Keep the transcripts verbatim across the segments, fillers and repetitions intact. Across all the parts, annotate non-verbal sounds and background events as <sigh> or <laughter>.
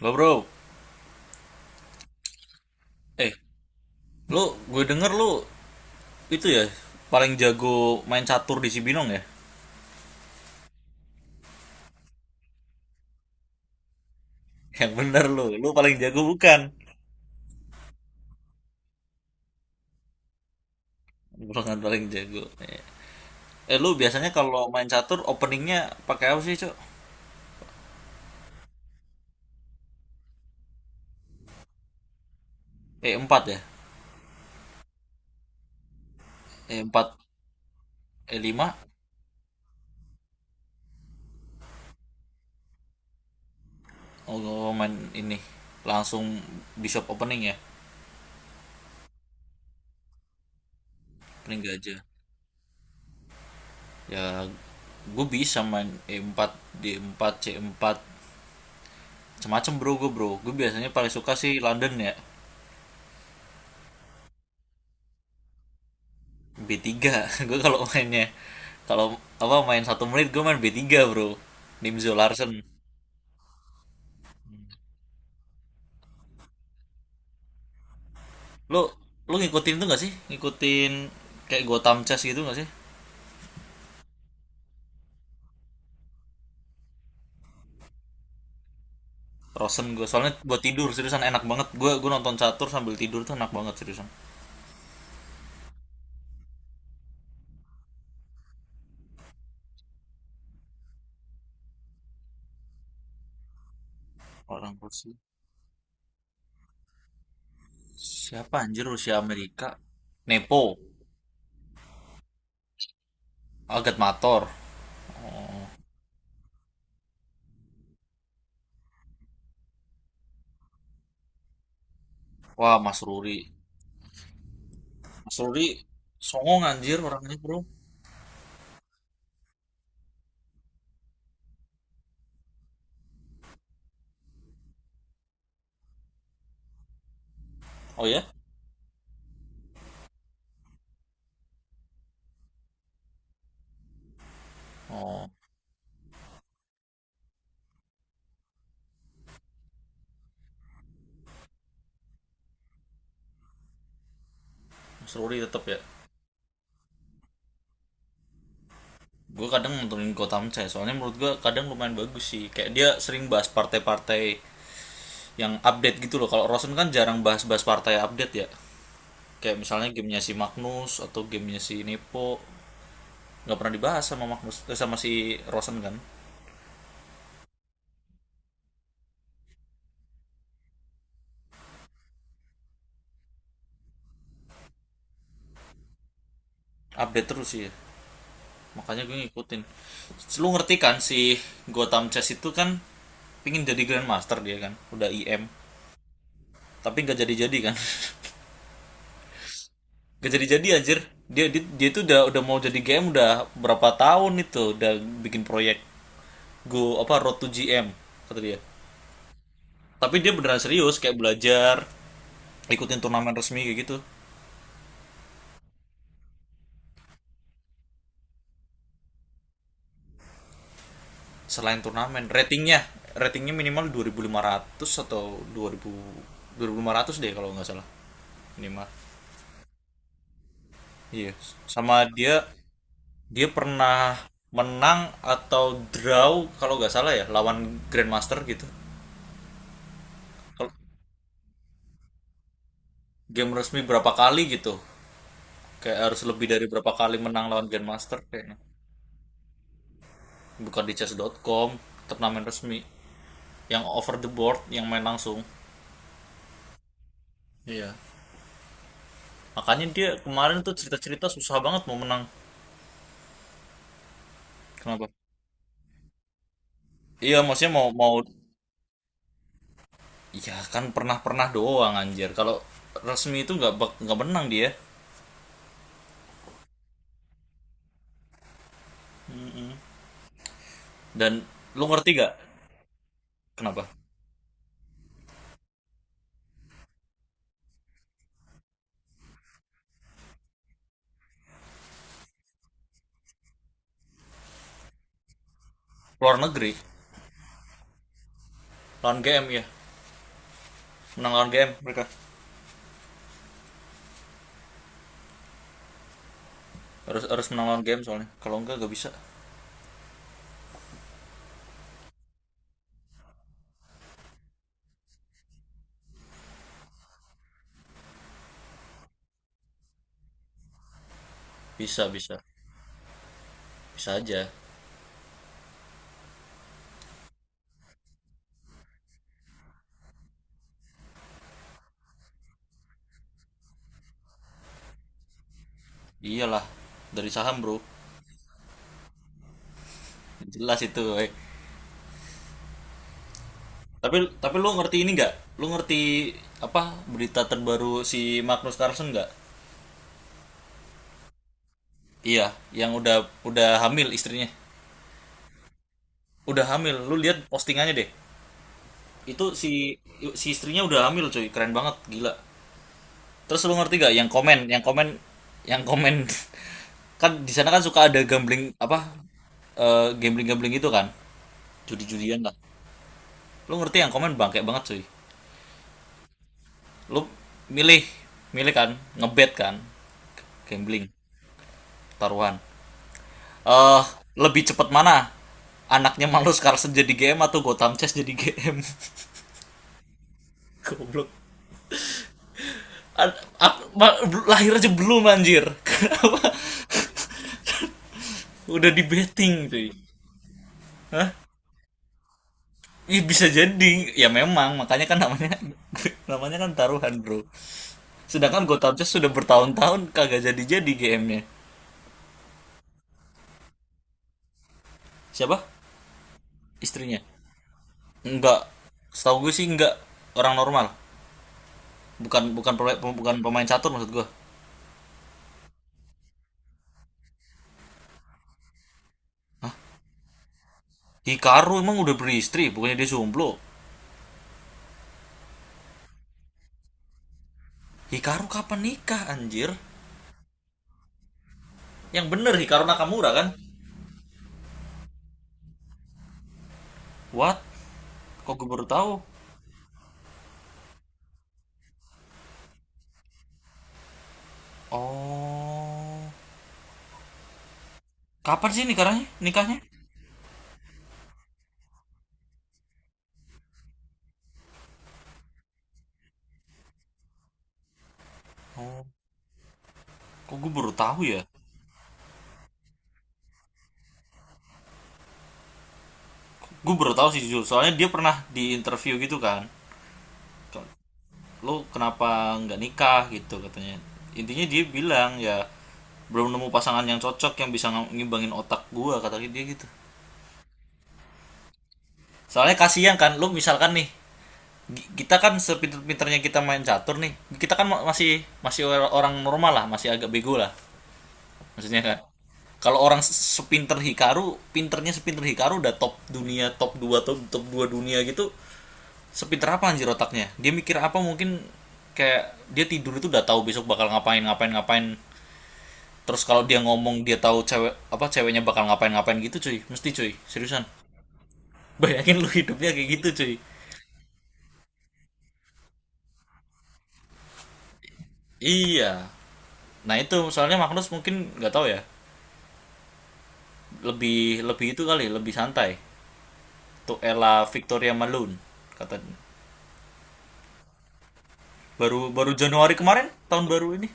Lo bro, eh, lo gue denger lo itu ya paling jago main catur di Cibinong ya? <laughs> Yang bener lo, lo paling jago bukan? Bukan paling jago. Eh, lo biasanya kalau main catur openingnya pakai apa sih, Cok? Eh, empat ya? Eh, empat, eh lima? Oh, lo main ini. Langsung bishop opening ya? Opening gajah. Ya, gue bisa main e empat, d empat, c empat, semacam bro gue bro. Gue biasanya paling suka sih London ya. B tiga, <laughs> gue kalau mainnya, kalau apa, main satu menit gue main b tiga bro, Nimzo Larsen. Lu lu ngikutin itu gak sih, ngikutin kayak Gotham Chess gitu gak sih? Rosen gue soalnya buat tidur, seriusan enak banget. Gue gue nonton catur sambil tidur tuh enak banget, seriusan. Orang Rusia. Siapa anjir Rusia Amerika? Nepo. Agat Mator. Wah, Mas Ruri. Mas Ruri songong anjir orangnya, bro. Oh ya. Oh, Mas Ruri tetap ya. Gue kadang nontonin Gotham Chess, soalnya menurut gue kadang lumayan bagus sih, kayak dia sering bahas partai-partai yang update gitu loh. Kalau Rosen kan jarang bahas-bahas partai update ya, kayak misalnya gamenya si Magnus atau gamenya si Nepo, nggak pernah dibahas sama Magnus, eh, sama si Rosen kan. Update terus sih ya. Makanya gue ngikutin. Lu ngerti kan si Gotham Chess itu kan pingin jadi Grandmaster, dia kan udah I M tapi nggak jadi-jadi kan? <laughs> Gak jadi-jadi anjir. Dia, dia dia itu udah udah mau jadi G M udah berapa tahun itu, udah bikin proyek Go apa Road to G M kata dia. Tapi dia beneran serius, kayak belajar, ikutin turnamen resmi kayak gitu. Selain turnamen, ratingnya ratingnya minimal dua ribu lima ratus, atau dua dua ribu dua ribu lima ratus deh kalau nggak salah. Minimal. Iya. Sama dia dia pernah menang atau draw kalau nggak salah ya, lawan Grandmaster gitu. Kalau game resmi berapa kali gitu. Kayak harus lebih dari berapa kali menang lawan Grandmaster kayaknya. Bukan di chess titik com, turnamen resmi. Yang over the board, yang main langsung. Iya. Makanya dia kemarin tuh cerita-cerita susah banget mau menang. Kenapa? Iya, maksudnya mau mau, ya kan pernah-pernah doang anjir. Kalau resmi itu nggak bak- nggak menang dia. Dan lu ngerti gak? Kenapa? Luar negeri lawan G M ya. Menang lawan G M mereka. Harus harus menang lawan G M soalnya. Kalau enggak, nggak bisa. Bisa, bisa. Bisa aja. Iyalah, dari saham, Bro. Jelas itu eh. tapi tapi lu ngerti ini nggak, lu ngerti apa berita terbaru si Magnus Carlsen nggak? Iya, yang udah udah hamil istrinya. Udah hamil, lu lihat postingannya deh. Itu si, si istrinya udah hamil cuy, keren banget, gila. Terus lu ngerti nggak yang komen, yang komen yang komen <laughs> kan di sana kan suka ada gambling apa, gambling gambling itu kan judi-judian lah. Lu ngerti yang komen bangke banget cuy? Lu milih milih kan, ngebet kan, gambling, taruhan. Eh, uh, Lebih cepat mana, anaknya Malus Carlsen jadi G M atau Gotham Chess jadi G M? <laughs> Goblok. An- ak- ma- Lahir aja belum anjir. Kenapa? <laughs> Udah di betting cuy. Hah? Ya bisa jadi. Ya memang, makanya kan namanya, <laughs> namanya kan taruhan, Bro. Sedangkan Gotham Chess sudah bertahun-tahun kagak jadi-jadi G M-nya. Siapa? Istrinya. Enggak. Setahu gue sih enggak, orang normal. Bukan bukan bukan pemain catur maksud gue. Hikaru emang udah beristri, bukannya dia jomblo. Hikaru kapan nikah anjir? Yang bener Hikaru Nakamura kan? What? Kok gue baru tahu? Oh. Kapan sih nikahnya? Nikahnya? Oh. Kok gue baru tahu ya? Gue baru tahu sih jujur, soalnya dia pernah di interview gitu kan. Lo kenapa nggak nikah gitu katanya. Intinya dia bilang ya belum nemu pasangan yang cocok, yang bisa ngimbangin otak gua kata dia gitu. Soalnya kasihan kan, lo misalkan nih, kita kan sepinter-pinternya kita main catur nih, kita kan masih masih orang normal lah, masih agak bego lah maksudnya kan. Kalau orang sepinter Hikaru, pinternya sepinter Hikaru udah top dunia, top dua, top top dua dunia gitu, sepinter apa anjir otaknya, dia mikir apa mungkin, kayak dia tidur itu udah tahu besok bakal ngapain ngapain ngapain. Terus kalau dia ngomong, dia tahu cewek apa ceweknya bakal ngapain ngapain gitu cuy, mesti cuy, seriusan. <laughs> Bayangin lu hidupnya kayak gitu cuy. Iya, nah itu soalnya Magnus mungkin nggak tahu ya, lebih lebih itu kali, lebih santai. Untuk Ella Victoria Malone kata, baru baru Januari kemarin tahun baru ini.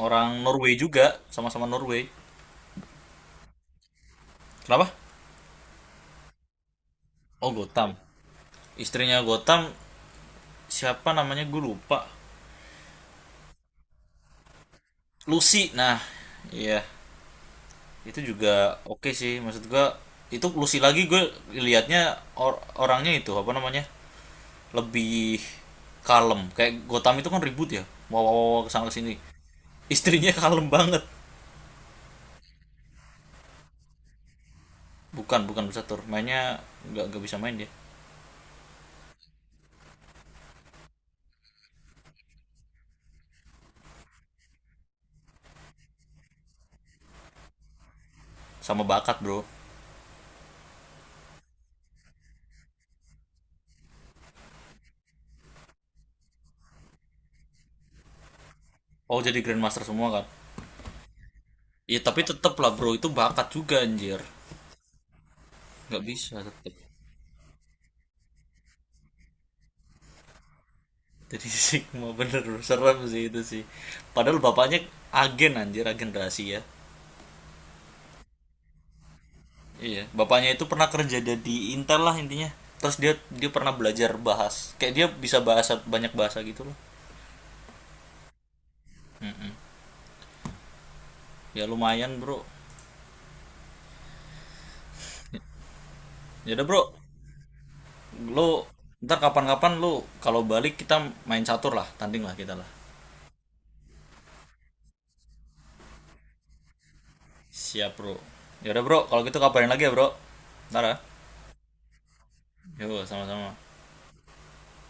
Orang Norway juga, sama-sama Norway. Kenapa? Oh, Gotham. Istrinya Gotham siapa namanya, gue lupa. Lucy, nah iya. Itu juga oke okay sih maksud gue, itu Lucy lagi gue liatnya. Or- orangnya itu apa namanya, lebih kalem. Kayak Gotham itu kan ribut ya, wow wow wow kesana kesini, istrinya kalem banget. Bukan, bukan bisa tur. Mainnya nggak nggak bisa main dia. Sama bakat, Bro. Oh, jadi grandmaster semua kan. Iya, tapi tetep lah, Bro. Itu bakat juga anjir. Nggak bisa tetep. Jadi, <laughs> Sigma bener bro. Serem sih itu sih. Padahal bapaknya agen anjir, agen rahasia. Iya, bapaknya itu pernah kerja di Intel lah intinya. Terus dia dia pernah belajar bahas. Kayak dia bisa bahasa, banyak bahasa gitu loh. Ya lumayan, Bro. Ya udah, Bro. Lo ntar kapan-kapan lo kalau balik kita main catur lah, tanding lah kita lah. Siap bro. Yaudah bro, kalau gitu kabarin lagi ya bro. Ntar ya. Yo, sama-sama.